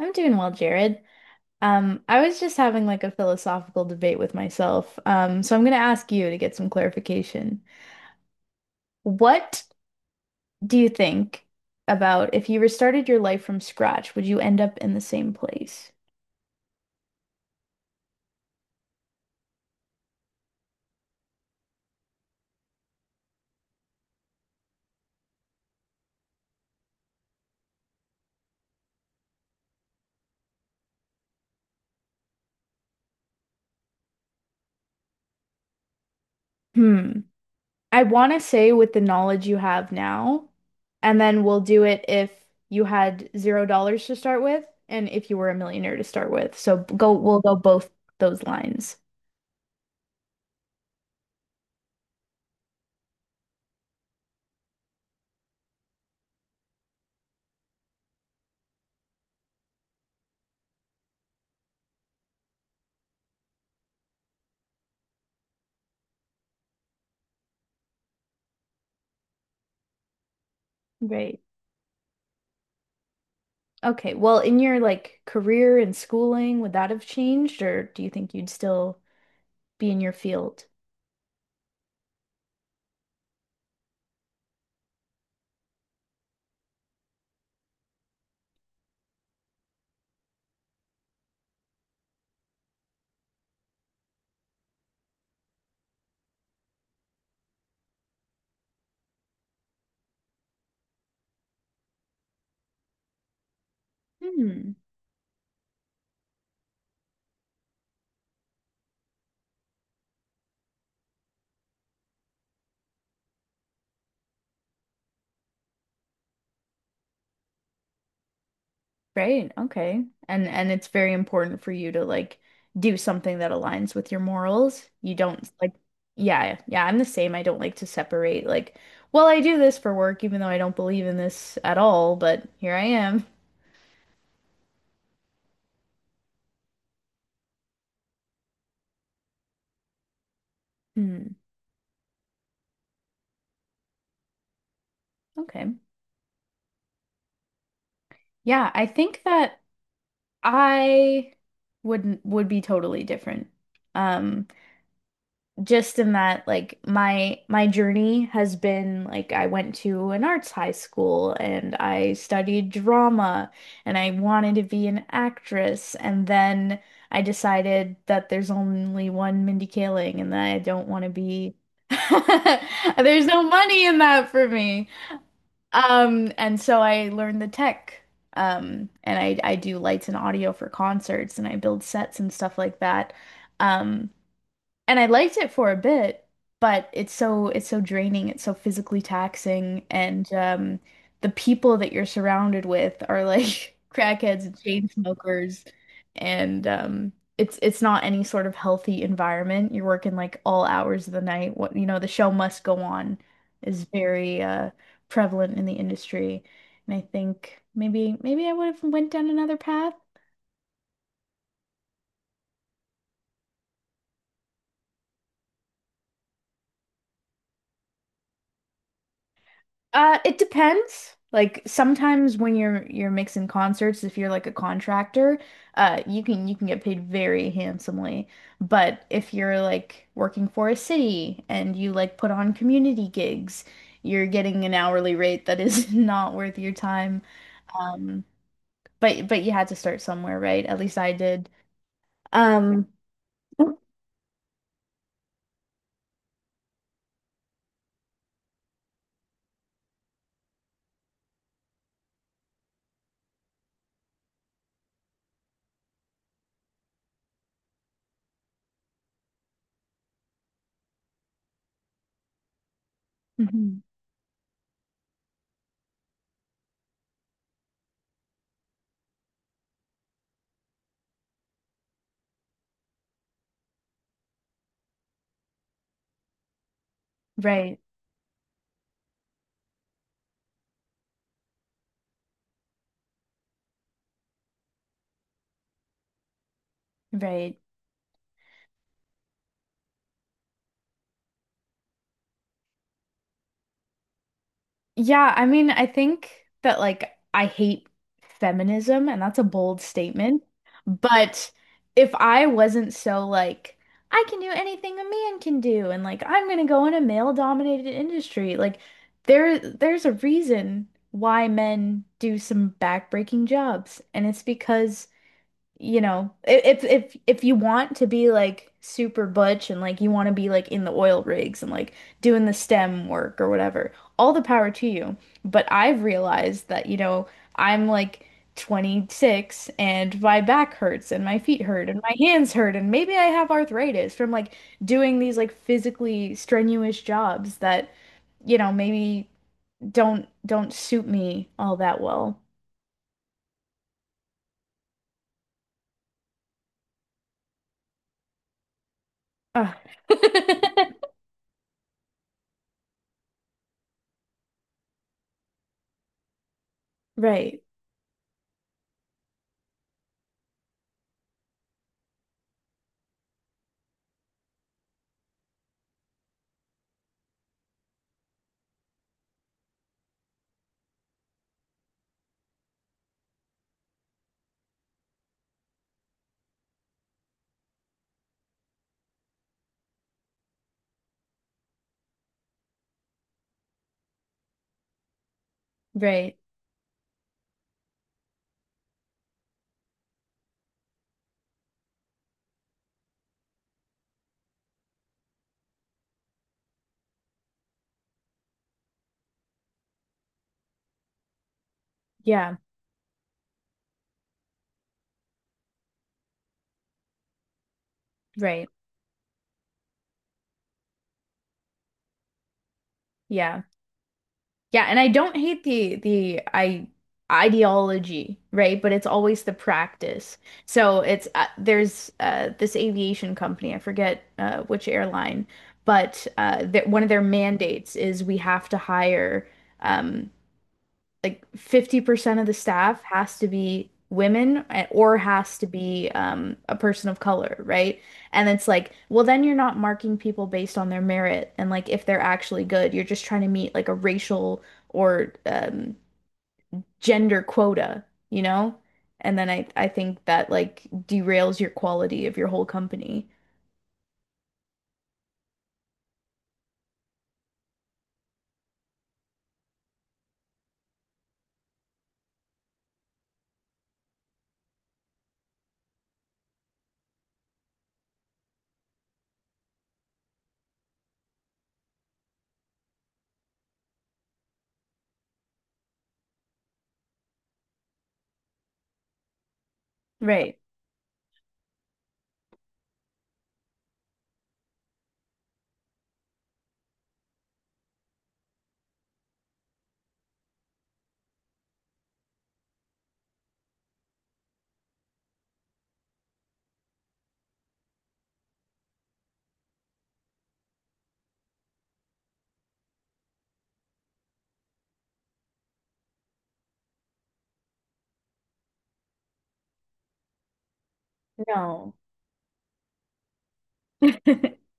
I'm doing well, Jared. I was just having like a philosophical debate with myself. So I'm going to ask you to get some clarification. What do you think about if you restarted your life from scratch, would you end up in the same place? Hmm. I want to say with the knowledge you have now, and then we'll do it if you had $0 to start with and if you were a millionaire to start with. So go, we'll go both those lines. Right. Okay. Well, in your like career and schooling, would that have changed, or do you think you'd still be in your field? Hmm. Great. Okay. And it's very important for you to like do something that aligns with your morals. You don't like yeah, yeah, I'm the same. I don't like to separate like, well, I do this for work even though I don't believe in this at all, but here I am. Hmm. Okay. Yeah, I think that I wouldn't would be totally different. Um just in that like my journey has been like I went to an arts high school and I studied drama and I wanted to be an actress, and then I decided that there's only one Mindy Kaling and that I don't want to be there's no money in that for me. And so I learned the tech, and I do lights and audio for concerts and I build sets and stuff like that. Um and I liked it for a bit, but it's so draining, it's so physically taxing, and the people that you're surrounded with are like crackheads and chain smokers, and it's not any sort of healthy environment. You're working like all hours of the night. What you know, the show must go on is very prevalent in the industry, and I think maybe I would have went down another path. It depends. Like sometimes when you're mixing concerts, if you're like a contractor, you can get paid very handsomely. But if you're like working for a city and you like put on community gigs, you're getting an hourly rate that is not worth your time. Um, but you had to start somewhere, right? At least I did. Um, Mhm. Right, right. Yeah, I mean, I think that like I hate feminism, and that's a bold statement. But if I wasn't so like, I can do anything a man can do, and like I'm gonna go in a male-dominated industry, like there's a reason why men do some backbreaking jobs, and it's because you know, if you want to be like super butch and like you want to be like in the oil rigs and like doing the STEM work or whatever, all the power to you. But I've realized that, you know, I'm like 26 and my back hurts and my feet hurt and my hands hurt and maybe I have arthritis from like doing these like physically strenuous jobs that, you know, maybe don't suit me all that well. Ugh. Right, right. Yeah, right. Yeah. Yeah, and I don't hate the I ideology, right? But it's always the practice. So it's there's this aviation company, I forget which airline, but that one of their mandates is we have to hire um like 50% of the staff has to be women or has to be a person of color, right? And it's like, well, then you're not marking people based on their merit and like if they're actually good. You're just trying to meet like a racial or gender quota, you know? And then I think that like derails your quality of your whole company. Right. No.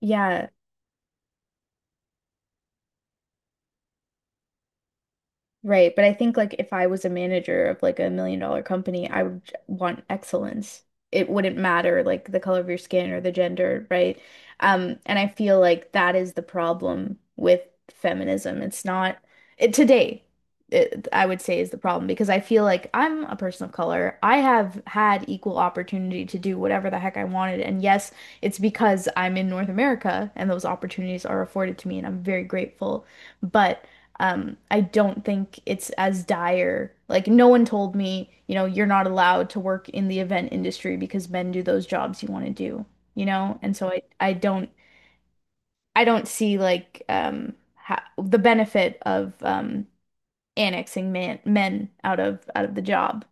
Yeah. Right, but I think like if I was a manager of like a million dollar company, I would want excellence. It wouldn't matter like the color of your skin or the gender, right? And I feel like that is the problem with feminism. It's not it, today, it, I would say is the problem because I feel like I'm a person of color. I have had equal opportunity to do whatever the heck I wanted. And yes, it's because I'm in North America and those opportunities are afforded to me, and I'm very grateful. But I don't think it's as dire. Like, no one told me, you know, you're not allowed to work in the event industry because men do those jobs you want to do, you know? And so I don't, I don't see like ha the benefit of annexing man men out of the job.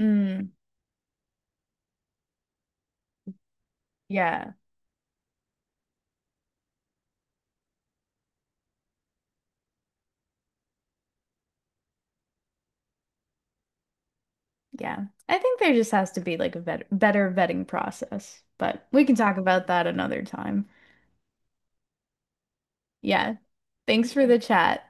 Mm, yeah, yeah. I think there just has to be like a better vetting process, but we can talk about that another time. Yeah. Thanks for the chat.